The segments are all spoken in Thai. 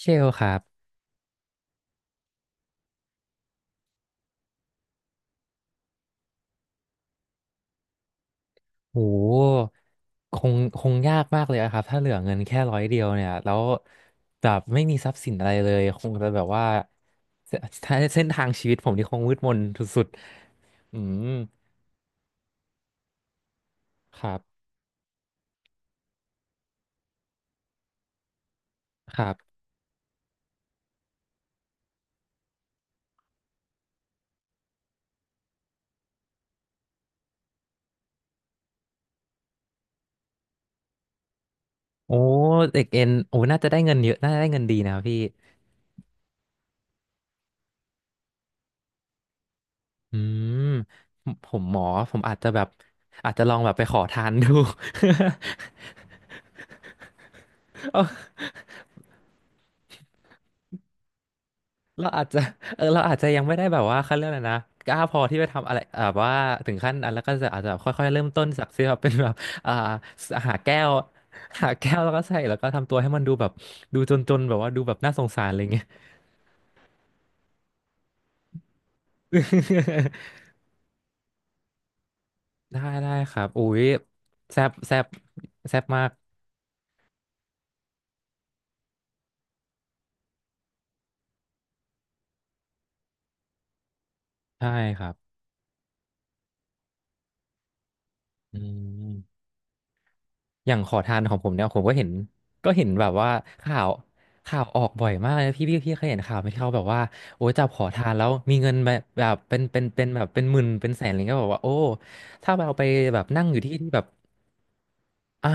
เชลครับโหคงคงยากมากเลยอะครับ ถ้าเหลือเงินแค่ร้อยเดียวเนี่ย แล้วแบบไม่มีทรัพย์สินอะไรเลย คงจะแบบว่าเสเส้นทางชีวิตผมนี่คงมืดมนสุดๆมครับ ครับ โอ้เด็กเอ็นน่าจะได้เงินเยอะน่าจะได้เงินดีนะครับพี่ อืมผมหมอ ผมอาจจะแบบอาจจะลองแบบไปขอทานดู เอา เราอาจจะ เออเราอาจจะยังไม่ได้แบบว่าเขาเรื่องนะนะกล้าพอที่ไปทำอะไรแบบว่าถึงขั้นอันแล้วก็จะอาจจะแบบค่อยๆเริ่มต้นจากที่แบบเป็นแบบ อ่าหาแก้ว หาแก้วแล้วก็ใส่แล้วก็ทำตัวให้มันดูแบบดูจนๆแบบว่าดูแบบน่าสงสารอะไรเงี้ย ได้ได้ครับอุ้ยแซบแซบแซบมากใช่ครับอืม อย่างขอทานของผมเนี่ยผมก็เห็นก็เห็นแบบว่าข่าวข่าวออกบ่อยมากเลยพี่พี่เคยเห็นข่าวไหมที่เขาแบบว่าโอ้จับขอทานแล้วมีเงินแบบแบบเป็นเป็นแบบเป็นหมื่นเป็นแสนอะไรเงี้ยก็บอกว่าโอ้ถ้าเราไปแบบนั่งอยู่ที่ที่แบบอ่า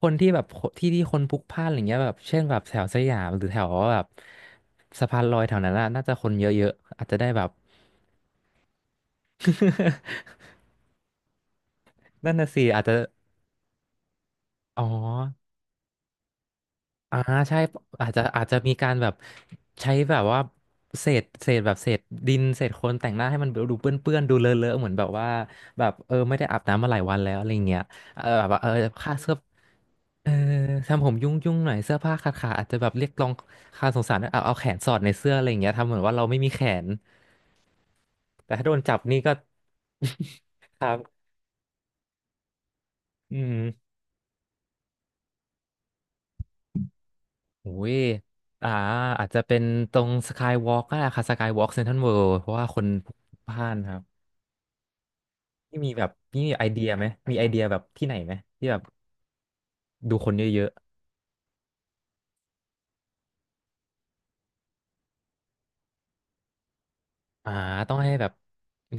คนที่แบบที่ที่คนพลุกพล่านอะไรเงี้ยแบบเช่นแบบแถวสยามหรือแถวแบบสะพานลอยแถวนั้นน่ะน่าจะคนเยอะๆอาจจะได้แบบ นั่นน่ะสิอาจจะอ๋อ อ่าใช่อาจจะมีการแบบใช้แบบว่าเศษแบบเศษดินเศษโคลนแต่งหน้าให้มันดูเปื้อนเปื้อนดูเลอะเลอะเหมือนแบบว่าแบบไม่ได้อาบน้ำมาหลายวันแล้วอะไรเงี้ยเออแบบว่าค่าเสื้อเออทำผมยุ่งยุ่งหน่อยเสื้อผ้าขาดขาอาจจะแบบเรียกร้องค่าสงสารเอาเอาแขนสอดในเสื้ออะไรเงี้ยทำเหมือนว่าเราไม่มีแขนแต่ถ้าโดนจับนี่ก็ครับอืมโอ้ยอ่าอาจจะเป็นตรงสกายวอล์กก็ได้ค่ะสกายวอล์กเซ็นทรัลเวิลด์เพราะว่าคนพลุกพล่านครับ ที่มีแบบพี่มีไอเดียไหมมีไอเดียแบบที่ไหนไหมที่แบบดูคนเยอะๆต้องให้แบบ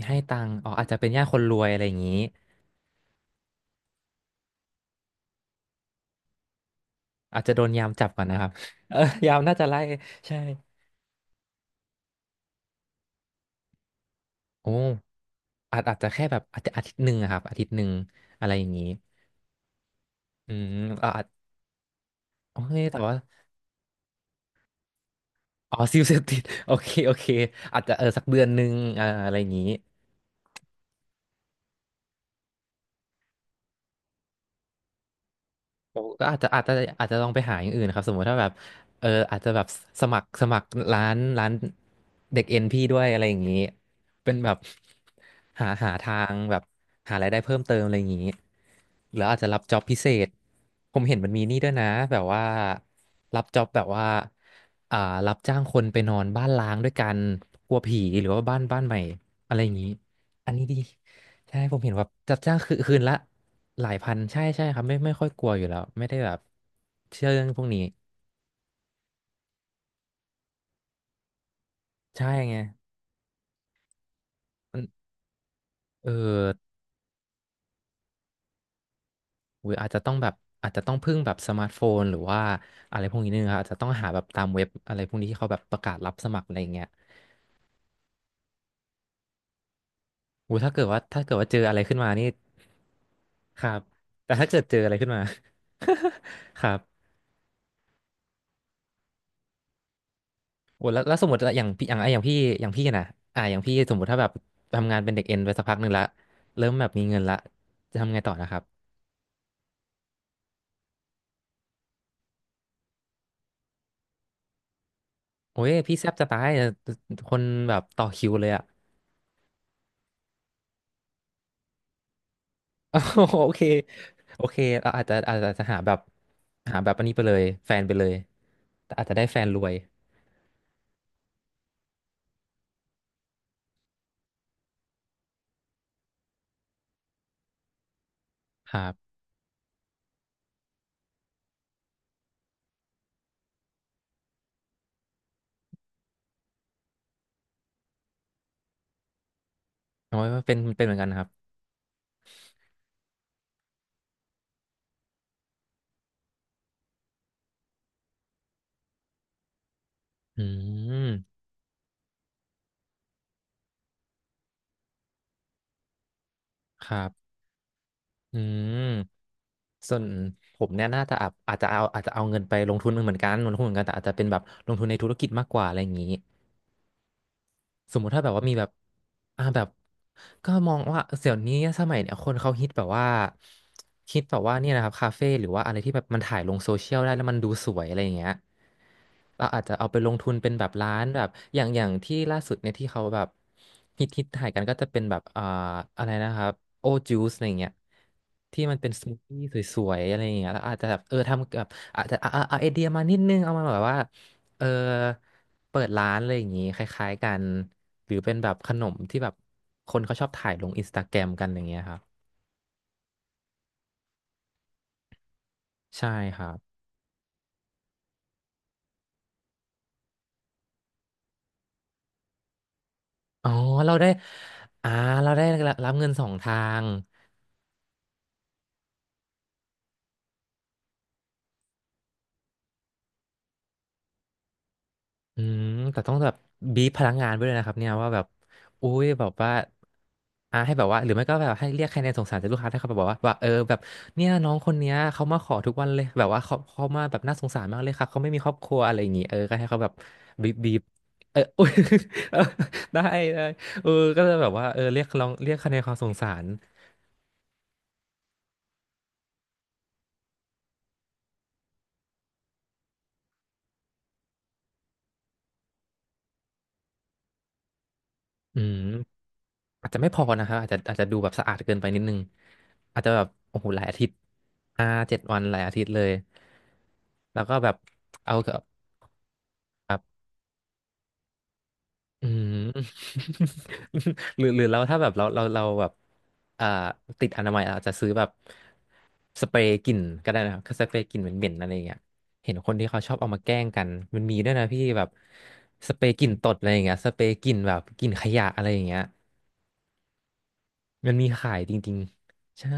ให้ตังค์อ๋ออาจจะเป็นญาติคนรวยอะไรอย่างนี้อาจจะโดนยามจับก่อนนะครับ เออยามน่าจะไล่ใช่โอ้อาจจะแค่แบบอาจจะอาทิตย์หนึ่งอะครับอาทิตย์หนึ่งอะไรอย่างนี้อืมอาจโอเคแต่ว่าอ๋อ ซิลเสพติด โอเคโอเคอาจจะเออสักเดือนหนึ่งอะไรอย่างนี้ ก็อาจจะอาจจะลองไปหาอย่างอื่นครับสมมติถ้าแบบเอออาจจะแบบสมัครร้านเด็กเอ็นพี่ด้วยอะไรอย่างนี้เป็นแบบหาทางแบบหารายได้เพิ่มเติมอะไรอย่างนี้หรืออาจจะรับจ็อบพิเศษผมเห็นมันมีนี่ด้วยนะแบบว่ารับจ็อบแบบว่าอ่ารับจ้างคนไปนอนบ้านล้างด้วยกันกลัวผีหรือว่าบ้านใหม่อะไรอย่างนี้อันนี้ดี ใช่ผมเห็นแบบจัดจ้างคือคืนละหลายพันใช่ใช่ครับไม่ค่อยกลัวอยู่แล้วไม่ได้แบบเชื่อเรื่องพวกนี้ใช่ไงมันเออหรืออาจจะต้องแบบอาจจะต้องพึ่งแบบสมาร์ทโฟนหรือว่าอะไรพวกนี้นึงครับอาจจะต้องหาแบบตามเว็บอะไรพวกนี้ที่เขาแบบประกาศรับสมัครอะไรอย่างเงี้ยถ้าเกิดว่าถ้าเกิดว่าเจออะไรขึ้นมานี่ครับแต่ถ้าเกิดเจออะไรขึ้นมา ครับ แล้วสมมติอย่างพี่อย่างพี่อย่างพี่นะอย่างพี่สมมติถ้าแบบทำงานเป็นเด็กเอ็นไปสักพักหนึ่งละเริ่มแบบมีเงินละจะทำไงต่อนะครับโอ้ยพี่แซบจะตายอะคนแบบต่อคิวเลยอะ โอเคโอเคเราอาจจะอาจจะหาแบบหาแบบอันนี้ไปเลยแฟนไปเลยแต่อาจจะได้แฟนรวยครับโอ้ยเป็นเป็นเหมือนกันนะครับอืมครับอืมส่วนผมเนี่ยน่าจะอาจจะเอาอาจจะเอาเงินไปลงทุนเหมือนกันลงทุนเหมือนกันแต่อาจจะเป็นแบบลงทุนในธุรกิจมากกว่าอะไรอย่างนี้ สมมุติถ้าแบบว่ามีแบบอ่าแบบก็มองว่าเดี๋ยวนี้สมัยเนี่ยคนเขาฮิตแบบว่าเนี่ยนะครับคาเฟ่หรือว่าอะไรที่แบบมันถ่ายลงโซเชียลได้แล้วมันดูสวยอะไรอย่างเงี้ยเราอาจจะเอาไปลงทุนเป็นแบบร้านแบบอย่างที่ล่าสุดเนี่ยที่เขาแบบฮิตถ่ายกันก็จะเป็นแบบอะไรนะครับโอจูสอะไรอย่างเงี้ยที่มันเป็นสมูทตี้สวยๆอะไรอย่างเงี้ยแล้วอาจจะแบบเออทำแบบอาจจะเอาไอเดียมานิดนึงเอามาแบบว่าเออ เปิดร้านอะไรอย่างนี้คล้ายๆกันหรือเป็นแบบขนมที่แบบคนเขาชอบถ่ายลงอินสตาแกรมกันอย่างเงี้ยครับใช่ครับอ๋อเราได้อ่าเราได้รับเงินสองทาง อืมแต่ต้องแบบบีบพลังงานไว้ด้วยนะครับเนี่ยว่าแบบอุ้ยแบบว่าให้แบบว่าหรือไม่ก็แบบให้เรียกคะแนนสงสารจากลูกค้าถ้าเขาแบบว่าว่าเออแบบเนี่ยน้องคนเนี้ยเขามาขอทุกวันเลยแบบว่าเขามาแบบน่าสงสารมากเลยค่ะเขาไม่มีครอบครัวอะไรอย่างงี้เออก็ให้เขาแบบบีบเออ อุ้ย ได้ได้เออก็จะแบบว่าเออเรียกลองเรียกคะแนนความสงสารอืม อาจจะไม่พอนะครับอาจจะดูแบบสะอาดเกินไปนิดนึงอาจจะแบบโอ้โหหลายอาทิตย์ห้าเจ็ดวันหลายอาทิตย์เลยแล้วก็แบบเอาแบบแบบอืม หรือเราถ้าแบบเราแบบอ่าติดอนามัยอาจจะซื้อแบบสเปรย์กลิ่นก็ได้นะครับสเปรย์กลิ่นเหม็นๆอะไรอย่างเงี้ยเห็นคนที่เขาชอบเอามาแกล้งกันมันมีด้วยนะพี่แบบสเปรย์กลิ่นตดอะไรอย่างเงี้ยสเปรย์กลิ่นแบบกลิ่นขยะอะไรอย่างเงี้ยมันมีขายจริงๆใช่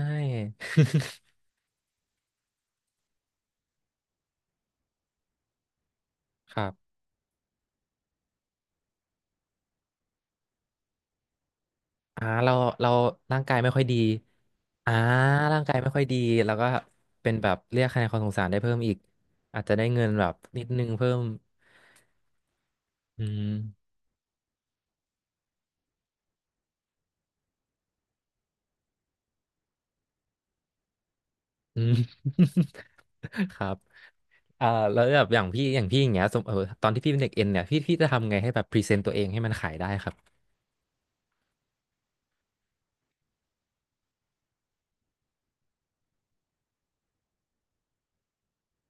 ครับ อ่าเราเราร่างกายไม่ค่อยดีอ่าร่างกายไม่ค่อยดีแล้วก็เป็นแบบเรียกคะแนนความสงสารได้เพิ่มอีกอาจจะได้เงินแบบนิดนึงเพิ่มอืม อืม ครับอ่าแล้วแบบอย่างพี่อย่างเงี้ยสมตอนที่พี่เป็นเด็กเอ็นเนี่ยพี่จะทำไงให้แบบพรีเซนต์ตัวเองให้มันขายได้ครับ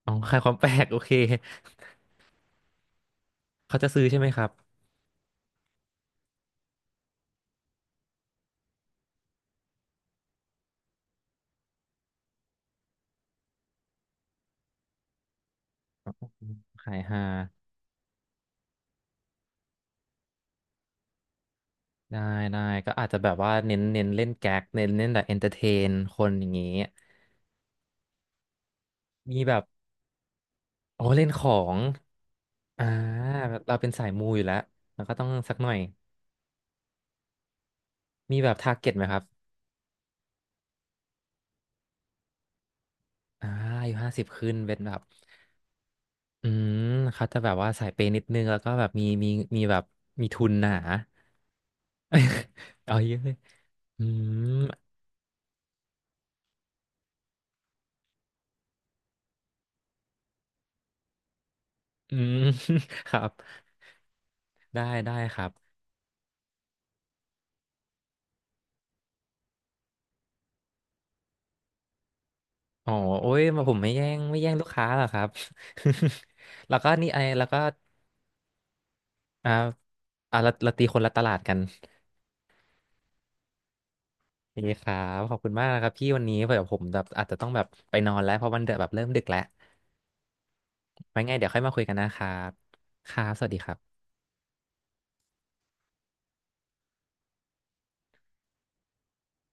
อ๋อขายความแปลกโอเคเขาจะซื้อใช่ไหมครับอืมขายฮาได้ได้ก็อาจจะแบบว่าเน้นเล่นแก๊กเน้นเล่นแบบเอนเตอร์เทนคนอย่างงี้มีแบบ โอ้เล่นของอ่าเราเป็นสายมูอยู่แล้วมันก็ต้องสักหน่อยมีแบบทาร์เก็ตไหมครับอ่าอายุห้าสิบขึ้นเป็นแบบ อืมเขาจะแบบว่าสายเปย์นิดนึงแล้วก็แบบมีมีแบบมีทุนหนา เอาเยอะเลยอืมอืม ครับได้ได้ครับ อ๋อโอ้ยมาผมไม่แย่งลูกค้าหรอกครับ แล้วก็นี่ไอแล้วก็อ่าเราตีคนละตลาดกัน ดีครับขอบคุณมากนะครับพี่วันนี้เผื่อผมแบบอาจจะต้องแบบไปนอนแล้วเพราะมันเดแบบเริ่มดึกแล้วไว้ไงเดี๋ยวค่อยมาคุยกันนะครับครับสวัสดีครับ